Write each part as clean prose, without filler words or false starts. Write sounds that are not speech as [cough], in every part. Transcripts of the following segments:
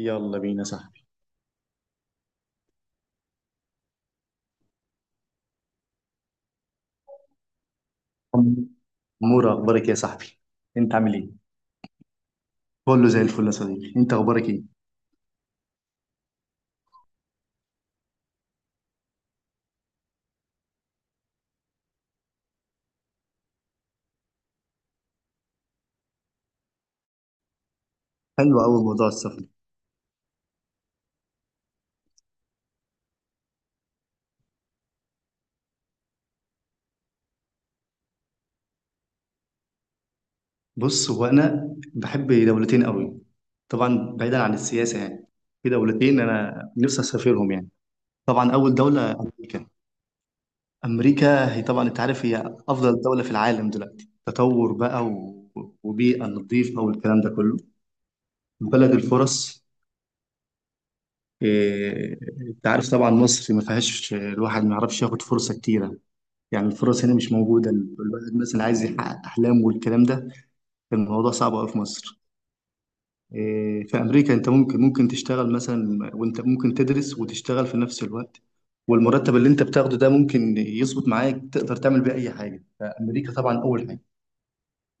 يلا بينا يا صاحبي. مورا اخبارك إيه يا صاحبي؟ انت عامل ايه؟ كله زي الفل يا صديقي، انت اخبارك ايه؟ حلو قوي موضوع السفر. بص، هو انا بحب دولتين قوي، طبعا بعيدا عن السياسه يعني. في دولتين انا نفسي اسافرهم يعني. طبعا اول دوله امريكا. امريكا هي طبعا انت عارف هي افضل دوله في العالم دلوقتي، تطور بقى و وبيئه نظيفه والكلام ده كله. بلد الفرص. إيه، انت عارف طبعا مصر ما فيهاش الواحد ما يعرفش ياخد فرصه كتيره. يعني الفرص هنا مش موجودة، الواحد مثلا عايز يحقق أحلامه والكلام ده. الموضوع صعب أوي في مصر. إيه، في أمريكا أنت ممكن تشتغل مثلا، وأنت ممكن تدرس وتشتغل في نفس الوقت، والمرتب اللي أنت بتاخده ده ممكن يظبط معاك، تقدر تعمل بيه أي حاجة. فأمريكا طبعا أول حاجة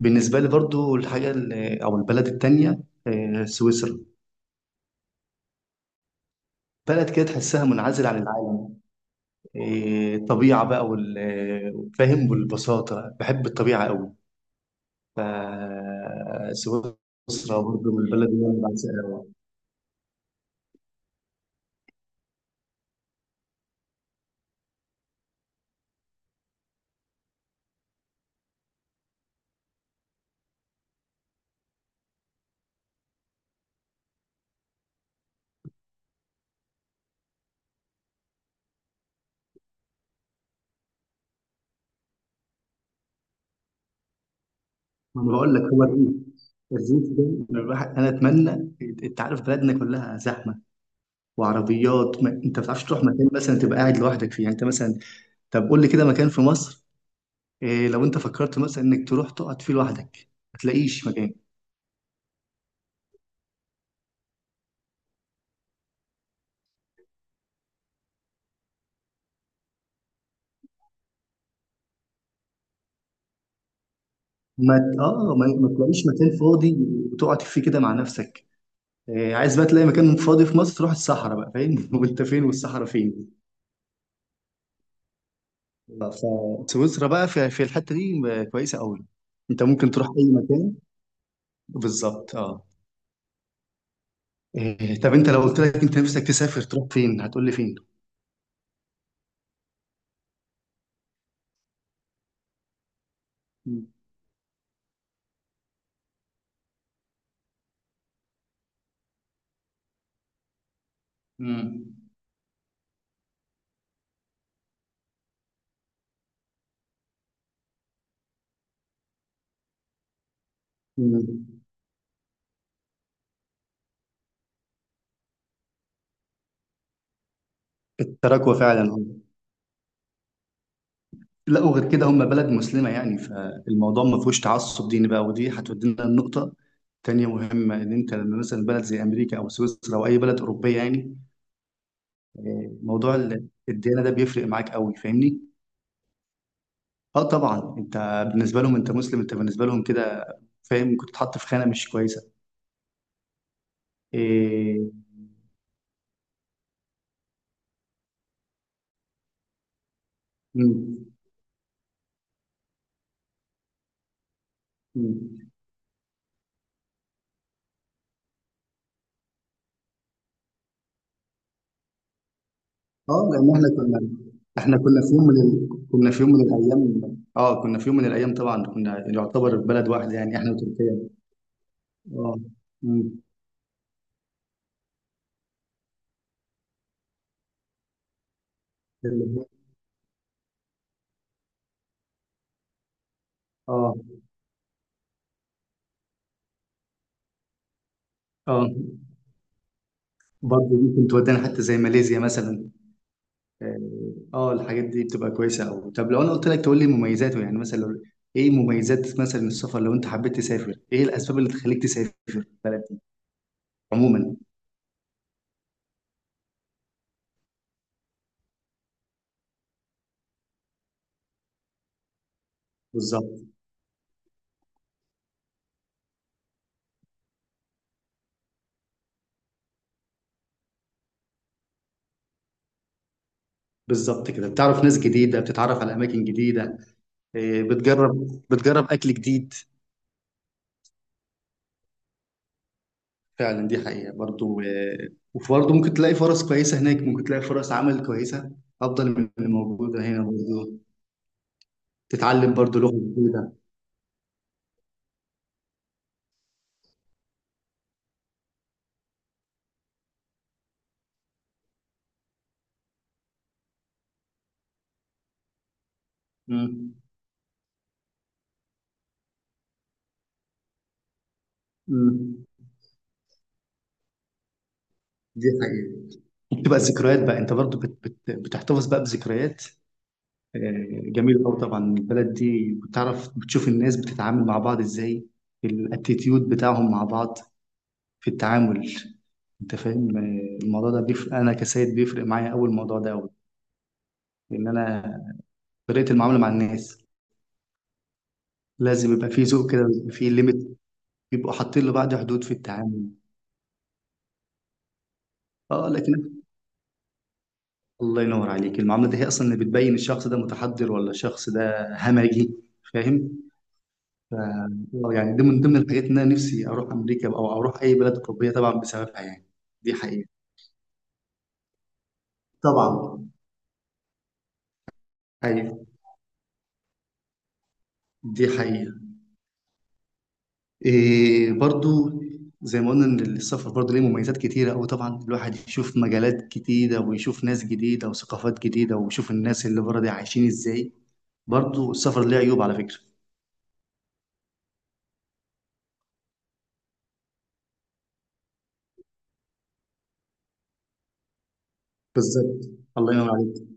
بالنسبة لي. برضو الحاجة أو البلد التانية إيه، سويسرا. بلد كده تحسها منعزل عن العالم، إيه، طبيعة بقى فاهم، والبساطة. بحب الطبيعة أوي. فسويسرا برضه من البلد اللي انا بعشقها أوي. انا بقول لك، هو الريف، الريف ده، أنا الواحد انا اتمنى. انت عارف بلدنا كلها زحمه وعربيات ما... انت ما بتعرفش تروح مكان مثلا تبقى قاعد لوحدك فيه، يعني انت مثلا طب قول لي كده مكان في مصر، إيه، لو انت فكرت مثلا انك تروح تقعد فيه لوحدك ما تلاقيش مكان. ما ت- اه ما, ما تلاقيش مكان فاضي وتقعد فيه كده مع نفسك. إيه، عايز بقى تلاقي مكان فاضي في مصر، تروح الصحراء بقى، فاهم؟ [laughs] وانت فين والصحراء فين! فسويسرا بقى في الحته دي كويسه قوي. انت ممكن تروح اي مكان. بالظبط، اه. إيه، طب انت لو قلت لك انت نفسك تسافر تروح فين هتقول لي فين؟ مم. مم. التراكوة فعلا، آه. لا، وغير كده هم بلد مسلمة يعني، فالموضوع ما فيهوش تعصب ديني بقى. ودي هتودينا لنقطة تانية مهمة، إن أنت لما مثلا بلد زي أمريكا أو سويسرا أو أي بلد أوروبية يعني، آه، موضوع الديانة ده بيفرق معاك قوي، فاهمني؟ اه طبعا. انت بالنسبه لهم انت مسلم، انت بالنسبه لهم كده فاهم كنت تتحط في خانه مش كويسه. إيه... مم. مم. اه لان احنا كنا، احنا كنا في يوم من ال... كنا في يوم من الايام، اه، كنا في يوم من الايام طبعا كنا يعتبر في بلد واحده يعني احنا وتركيا. اه. مم. اه. اه برضه دي كنت ودانا حتى، زي ماليزيا مثلا. اه. آه، الحاجات دي بتبقى كويسه قوي. طب لو انا قلت لك تقول لي مميزاته يعني، مثلا لو ايه مميزات مثلا السفر، لو انت حبيت تسافر ايه الاسباب اللي تخليك تسافر بلد عموما؟ بالظبط. بالظبط كده، بتعرف ناس جديده، بتتعرف على اماكن جديده، إيه، بتجرب اكل جديد. فعلا دي حقيقه. برضو إيه، وبرضو ممكن تلاقي فرص كويسه هناك، ممكن تلاقي فرص عمل كويسه افضل من اللي موجوده هنا برضو. تتعلم برضو لغه جديده. امم، دي حقيقه. بتبقى الذكريات بقى، انت برضو بت بت بتحتفظ بقى بذكريات، آه، جميل قوي. طبعا البلد دي بتعرف، بتشوف الناس بتتعامل مع بعض ازاي، الاتيتيود بتاعهم مع بعض في التعامل. انت فاهم، آه، الموضوع ده بيفرق، انا كسيد بيفرق معايا قوي الموضوع ده قوي. لان انا، طريقه المعامله مع الناس لازم يبقى في ذوق كده، ويبقى في ليميت، بيبقوا حاطين لبعض حدود في التعامل. اه لكن، الله ينور عليك، المعامله دي هي اصلا اللي بتبين الشخص ده متحضر ولا الشخص ده همجي، فاهم؟ ف- آه، يعني دي من ضمن الحاجات ان انا نفسي اروح امريكا او اروح اي بلد اوروبيه طبعا بسببها يعني. دي حقيقه. طبعا. ايوه، دي حقيقه. إيه برضو، زي ما قلنا ان السفر برضو ليه مميزات كتيره قوي، طبعا الواحد يشوف مجالات جديده، ويشوف ناس جديده، وثقافات جديده، ويشوف الناس اللي بره دي عايشين ازاي. برضو السفر ليه عيوب على فكره. بالظبط. الله ينور عليك.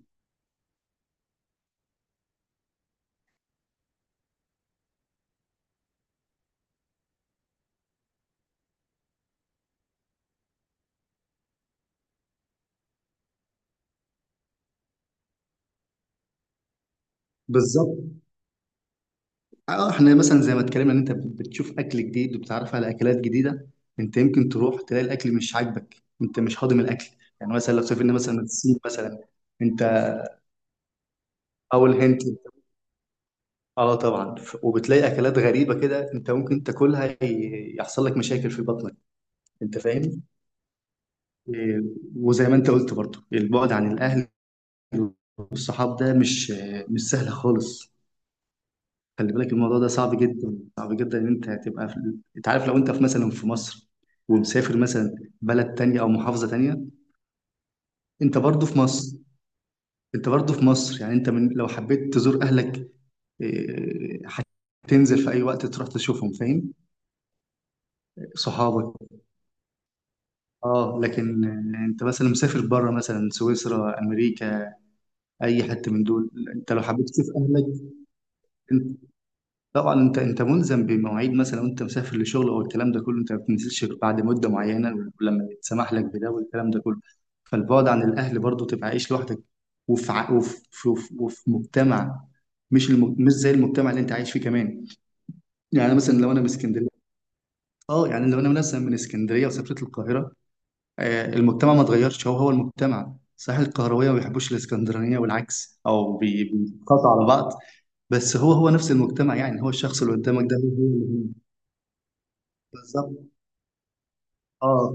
بالظبط، اه. احنا مثلا زي ما اتكلمنا ان انت بتشوف اكل جديد وبتعرف على اكلات جديده، انت يمكن تروح تلاقي الاكل مش عاجبك، انت مش هاضم الاكل. يعني مثلا لو سافرنا مثلا الصين مثلا، انت اول هنت اه طبعا، وبتلاقي اكلات غريبه كده انت ممكن تاكلها، يحصل لك مشاكل في بطنك، انت فاهم؟ إيه، وزي ما انت قلت برضو البعد عن الاهل والصحاب ده مش، مش سهل خالص. خلي بالك الموضوع ده صعب جدا، صعب جدا، ان انت هتبقى في... انت عارف لو انت في مثلا في مصر ومسافر مثلا بلد تانية او محافظة تانية، انت برضه في مصر، انت برضه في مصر, يعني انت من... لو حبيت تزور اهلك، إيه، هتنزل في اي وقت تروح تشوفهم، فاهم؟ صحابك، اه. لكن، آه، انت مثلا مسافر بره مثلا سويسرا، امريكا، اي حته من دول، انت لو حبيت تشوف اهلك، طبعا انت ملزم بمواعيد مثلا، وانت مسافر لشغل او الكلام ده كله، انت ما بتنزلش غير بعد مده معينه، ولما يتسمح لك بده والكلام ده كله. فالبعد عن الاهل، برضه تبقى عايش لوحدك، وفي ع- وفي وفي وفي مجتمع مش زي المجتمع اللي انت عايش فيه كمان. يعني مثلا لو انا من اسكندريه، اه، يعني لو انا مثلا من اسكندريه وسافرت القاهره، آه المجتمع ما اتغيرش، هو هو المجتمع، صحيح القهرويه ما بيحبوش الاسكندرانيه والعكس او بيتقاطعوا على بعض، بس هو هو نفس المجتمع يعني، هو الشخص اللي قدامك ده هو هو اللي هو. بالظبط، اه.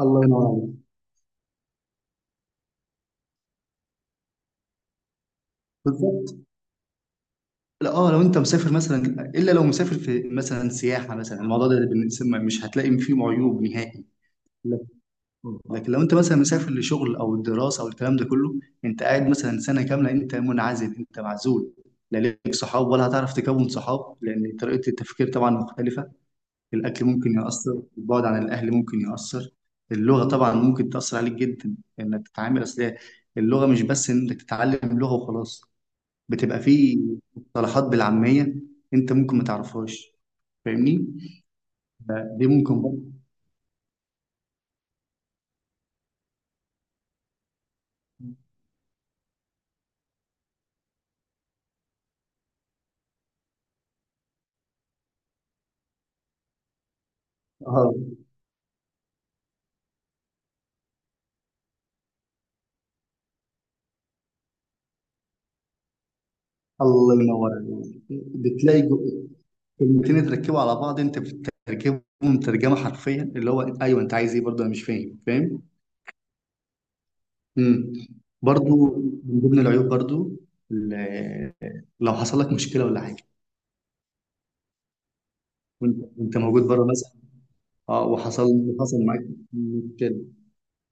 الله ينور عليك. بالظبط. لا، اه لو انت مسافر مثلا، الا لو مسافر في مثلا سياحه مثلا، الموضوع ده مش هتلاقي فيه عيوب نهائي. لكن، لكن لو انت مثلا مسافر لشغل او دراسه او الكلام ده كله، انت قاعد مثلا سنه كامله، انت منعزل، انت معزول، لا ليك صحاب ولا هتعرف تكون صحاب، لان طريقه التفكير طبعا مختلفه. الأكل ممكن يأثر، البعد عن الأهل ممكن يأثر، اللغة طبعا ممكن تأثر عليك جدا، إنك تتعامل، أصل اللغة مش بس إنك تتعلم لغة وخلاص، بتبقى في مصطلحات بالعامية أنت ممكن ما تعرفهاش، فاهمني؟ دي ممكن برضه، اه، الله ينور عليك، بتلاقي كلمتين اتركبوا على بعض، أنت بتترجمهم ترجمة حرفيا، اللي هو أيوه أنت عايز إيه برضه، أنا مش فاهم، فاهم؟ امم. برضو من ضمن العيوب برضو، ال- لو حصل لك مشكله ولا حاجه وانت، وانت موجود بره مثلا، اه وحصل، حصل معاك مشكله،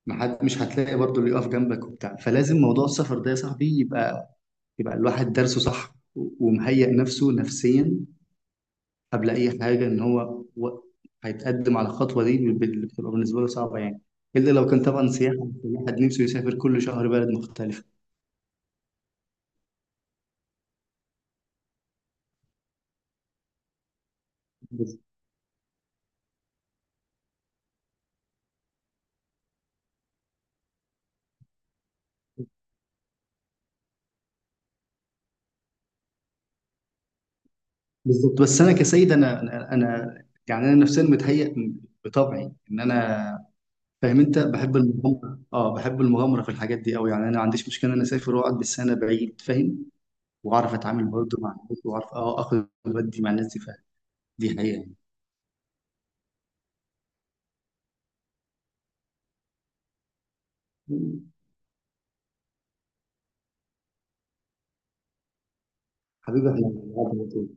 ما حد، مش هتلاقي برضو اللي يقف جنبك وبتاع. فلازم موضوع السفر ده يا صاحبي يبقى، يبقى الواحد درسه صح ومهيئ نفسه نفسيا قبل اي حاجه، ان هو هيتقدم على الخطوه دي اللي بتبقى بالنسبه له صعبه يعني. الا لو كان طبعا سياحه، الواحد نفسه يسافر كل شهر بلد مختلفه. بالظبط. بس انا كسيد انا يعني انا نفسيا متهيئ بطبعي، ان انا فاهم، انت بحب المغامره، اه بحب المغامره في الحاجات دي قوي يعني، انا ما عنديش مشكله ان انا اسافر واقعد بالسنه بعيد، فاهم؟ واعرف اتعامل برضه مع الناس، واعرف اه اخد ودي مع الناس دي، فاهم؟ دي حقيقه يعني. حبيبي احنا مع بعض على طول.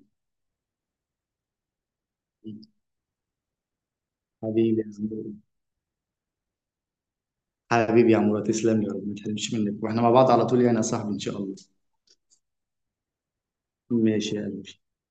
حبيبي يا زميلي، حبيبي يا عمرو، تسلم لي يا رب، ما تحرمش منك، واحنا مع بعض على طول يعني يا صاحبي ان شاء الله. ماشي يا قلبي.